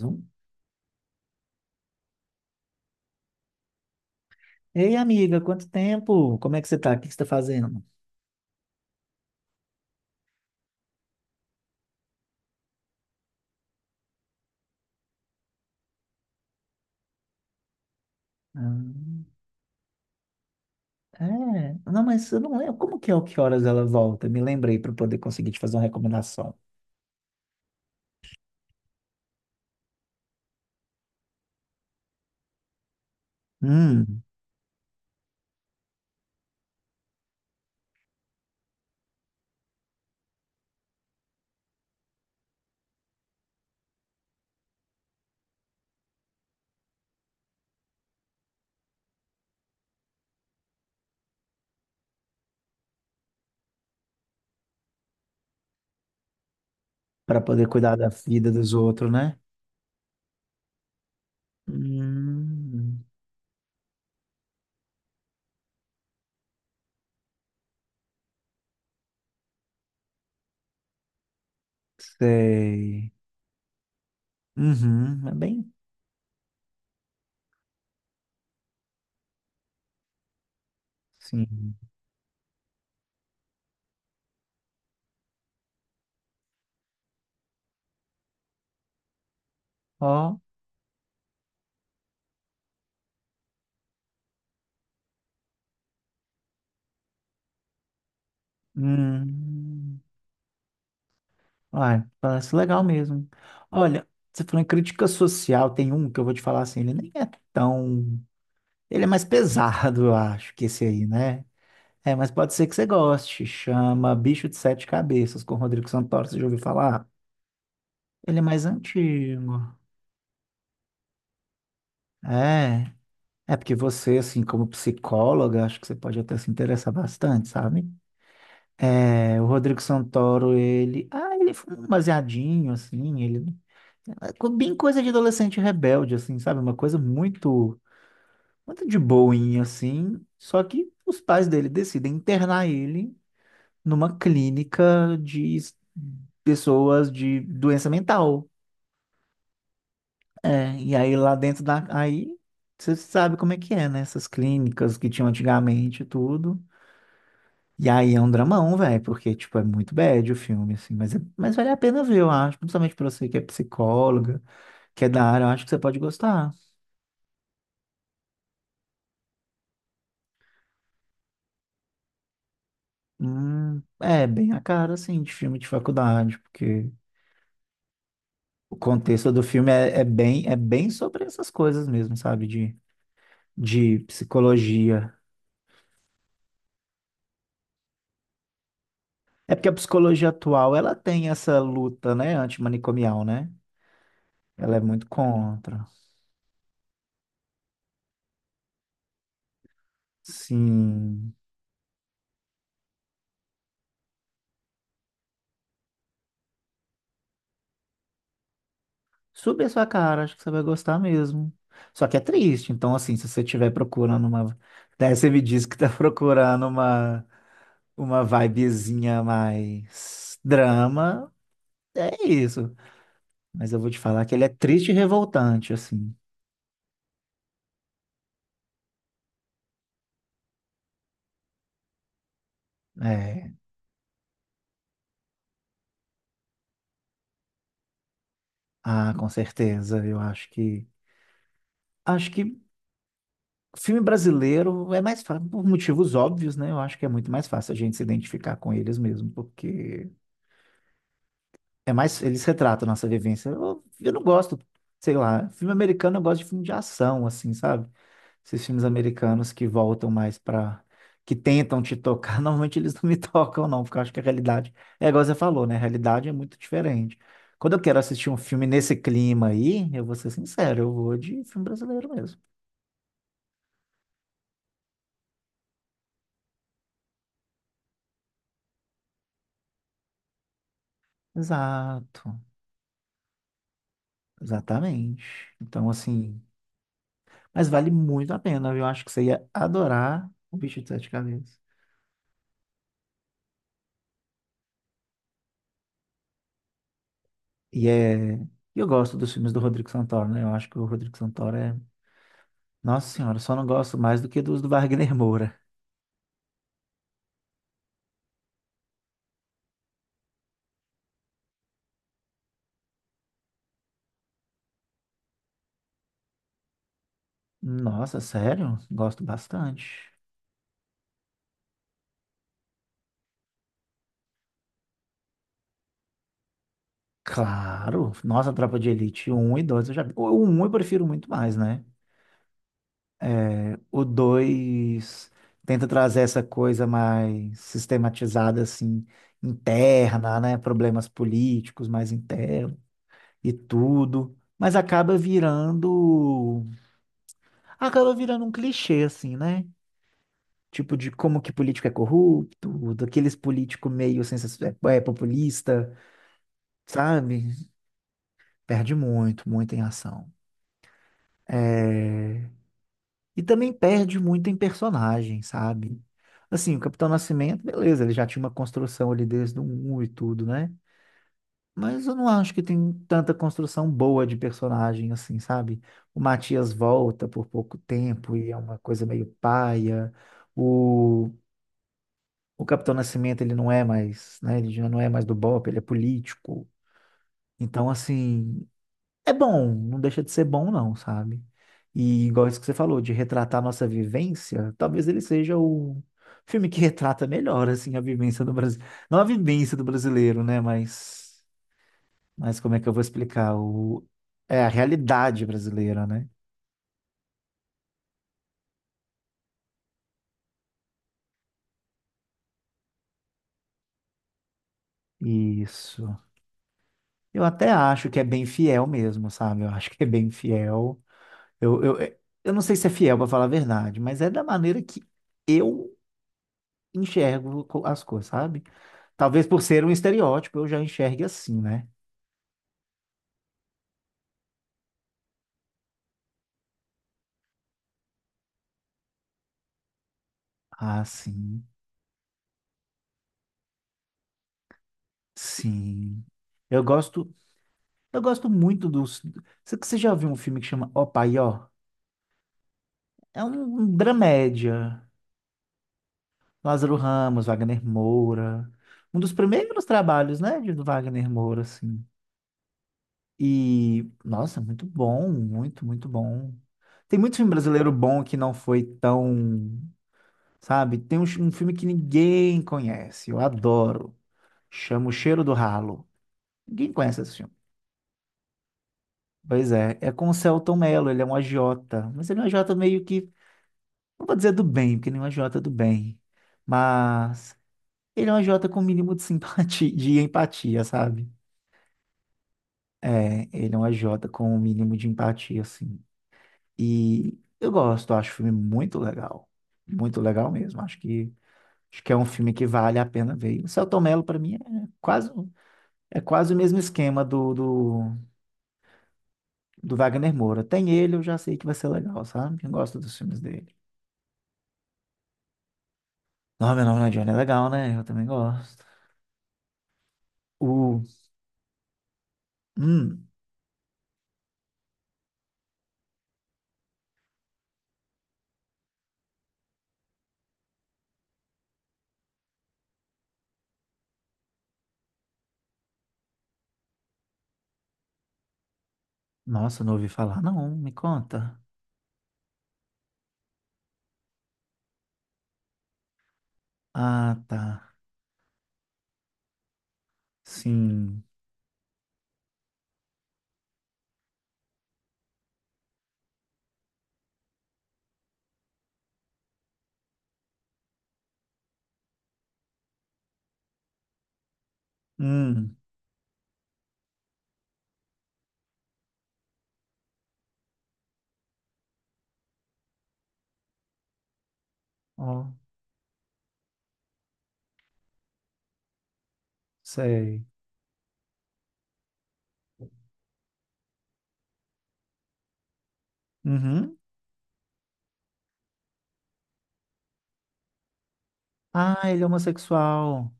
Zoom. Ei, amiga, quanto tempo? Como é que você tá? O que que você tá fazendo? Ah, é, não, mas eu não lembro. Como que é o que horas ela volta? Me lembrei para poder conseguir te fazer uma recomendação. Hum, para poder cuidar da vida dos outros, né? Hum, sei. Uhum, é bem, sim. Ó, hum. Ai, parece legal mesmo. Olha, você falou em crítica social, tem um que eu vou te falar assim, ele nem é tão. Ele é mais pesado, eu acho, que esse aí, né? É, mas pode ser que você goste. Chama Bicho de Sete Cabeças, com Rodrigo Santoro, você já ouviu falar? Ele é mais antigo. É, é porque você, assim, como psicóloga, acho que você pode até se interessar bastante, sabe? É, o Rodrigo Santoro, ele. Ah, ele foi um baseadinho, assim, ele. É bem coisa de adolescente rebelde, assim, sabe? Uma coisa muito, muito de boinha, assim. Só que os pais dele decidem internar ele numa clínica de pessoas de doença mental, né? E aí lá dentro da. Aí você sabe como é que é, né? Essas clínicas que tinham antigamente e tudo. E aí é um dramão, velho, porque, tipo, é muito bad o filme, assim. Mas vale a pena ver, eu acho. Principalmente pra você que é psicóloga, que é da área, eu acho que você pode gostar. É bem a cara, assim, de filme de faculdade, porque o contexto do filme é bem sobre essas coisas mesmo, sabe? De psicologia. É porque a psicologia atual, ela tem essa luta, né, antimanicomial, né? Ela é muito contra. Sim. Suba a sua cara, acho que você vai gostar mesmo. Só que é triste, então assim, se você estiver procurando uma. Daí você me disse que tá procurando uma vibezinha mais drama, é isso. Mas eu vou te falar que ele é triste e revoltante, assim. É, ah, com certeza, eu acho que filme brasileiro é mais fácil, por motivos óbvios, né? Eu acho que é muito mais fácil a gente se identificar com eles mesmo, porque é mais, eles retratam a nossa vivência. Eu não gosto, sei lá, filme americano eu gosto de filme de ação, assim, sabe? Esses filmes americanos que voltam mais pra, que tentam te tocar, normalmente eles não me tocam, não, porque eu acho que a realidade, é igual você falou, né? A realidade é muito diferente. Quando eu quero assistir um filme nesse clima aí, eu vou ser sincero, eu vou de filme brasileiro mesmo. Exato. Exatamente. Então, assim, mas vale muito a pena, viu? Eu acho que você ia adorar O Bicho de Sete Cabeças. E é, e eu gosto dos filmes do Rodrigo Santoro, né? Eu acho que o Rodrigo Santoro é, nossa senhora, eu só não gosto mais do que dos do Wagner Moura. Nossa, sério? Gosto bastante. Claro. Nossa, Tropa de Elite um e 2 eu já vi. O 1 eu prefiro muito mais, né? O 2 tenta trazer essa coisa mais sistematizada, assim, interna, né? Problemas políticos mais internos e tudo. Mas acaba virando. Acaba virando um clichê, assim, né? Tipo, de como que político é corrupto, daqueles político meio é populista, sabe? Perde muito, muito em ação. É, e também perde muito em personagem, sabe? Assim, o Capitão Nascimento, beleza, ele já tinha uma construção ali desde o um e tudo, né? Mas eu não acho que tem tanta construção boa de personagem assim, sabe? O Matias volta por pouco tempo e é uma coisa meio paia. O, o Capitão Nascimento, ele não é mais, né? Ele já não é mais do BOPE, ele é político. Então, assim, é bom, não deixa de ser bom, não, sabe? E igual isso que você falou, de retratar a nossa vivência, talvez ele seja o filme que retrata melhor, assim, a vivência do Brasil. Não a vivência do brasileiro, né? Mas como é que eu vou explicar? O. É a realidade brasileira, né? Isso. Eu até acho que é bem fiel mesmo, sabe? Eu acho que é bem fiel. Eu, eu, é- eu não sei se é fiel, pra falar a verdade, mas é da maneira que eu enxergo as coisas, sabe? Talvez por ser um estereótipo, eu já enxergue assim, né? Ah, sim, sim. Eu gosto, eu gosto muito dos. Você já viu um filme que chama Ó Pai Ó? É um dramédia. Lázaro Ramos, Wagner Moura. Um dos primeiros trabalhos, né, de do Wagner Moura, assim. E, nossa, muito bom, muito, muito bom. Tem muito filme brasileiro bom que não foi tão, sabe? Tem um filme que ninguém conhece, eu adoro. Chama O Cheiro do Ralo. Ninguém conhece esse filme. Pois é, é com o Celton Mello, ele é um agiota, mas ele é um agiota meio que, não vou dizer do bem, porque ele é um agiota do bem, mas ele é um agiota com o mínimo de simpatia, de empatia, sabe? É, ele é um agiota com o mínimo de empatia, assim. E eu gosto, acho o filme muito legal mesmo, acho que é um filme que vale a pena ver. E O Selton Mello, para mim, quase, é quase o mesmo esquema do Wagner Moura. Tem ele, eu já sei que vai ser legal, sabe? Eu gosto dos filmes dele. Não, meu nome não é Johnny, é legal, né? Eu também gosto. O. Hum, nossa, não ouvi falar, não. Me conta. Ah, tá. Sim. Hum, ó, sei. Uhum. Ah, ele é homossexual.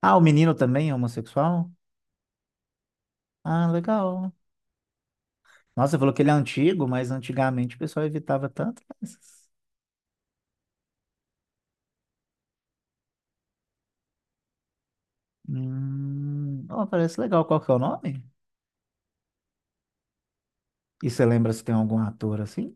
Ah, o menino também é homossexual? Ah, legal. Nossa, você falou que ele é antigo, mas antigamente o pessoal evitava tanto. Ó, parece legal. Qual que é o nome? E você lembra se tem algum ator assim?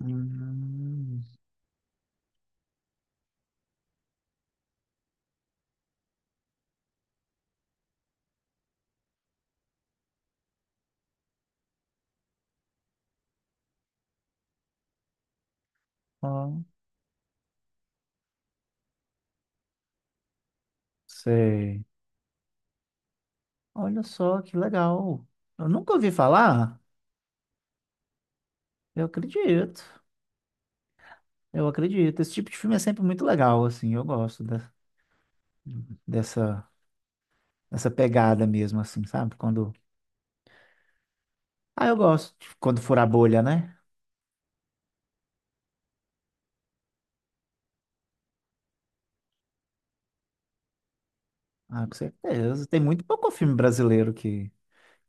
Hum, ó, sei. Olha só que legal. Eu nunca ouvi falar. Eu acredito. Eu acredito. Esse tipo de filme é sempre muito legal, assim. Eu gosto dessa, dessa pegada mesmo, assim, sabe? Quando. Ah, eu gosto de quando fura a bolha, né? Ah, com certeza. Tem muito pouco filme brasileiro que,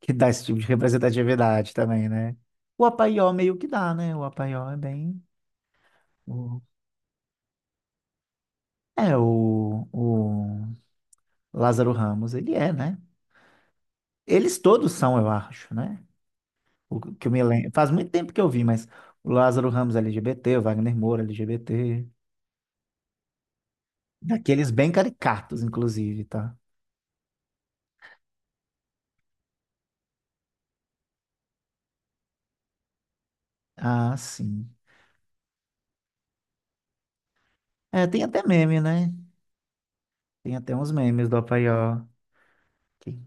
que dá esse tipo de representatividade também, né? O Apaió meio que dá, né? O Apaió é bem. o- É, o Lázaro Ramos, ele é, né? Eles todos são, eu acho, né? O que eu me lembro. Faz muito tempo que eu vi, mas o Lázaro Ramos é LGBT, o Wagner Moura é LGBT. Daqueles bem caricatos, inclusive, tá? Ah, sim. É, tem até meme, né? Tem até uns memes do Apaió. que-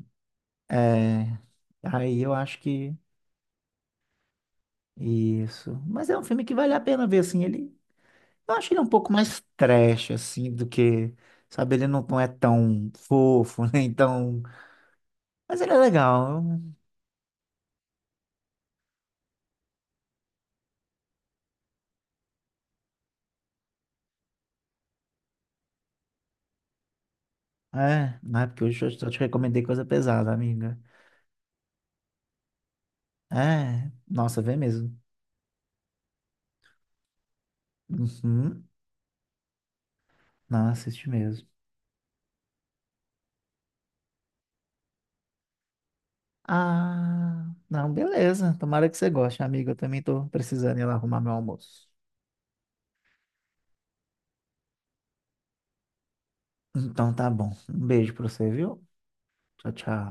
É, aí eu acho que isso. Mas é um filme que vale a pena ver, assim, ele. Eu acho ele um pouco mais trash, assim, do que. Sabe, ele não é tão fofo, nem tão. Mas ele é legal. É, não é porque hoje eu só te recomendei coisa pesada, amiga. É, nossa, vê mesmo. Uhum, não, assiste mesmo. Ah, não, beleza. Tomara que você goste, amiga. Eu também tô precisando ir lá arrumar meu almoço. Então tá bom. Um beijo pra você, viu? Tchau, tchau.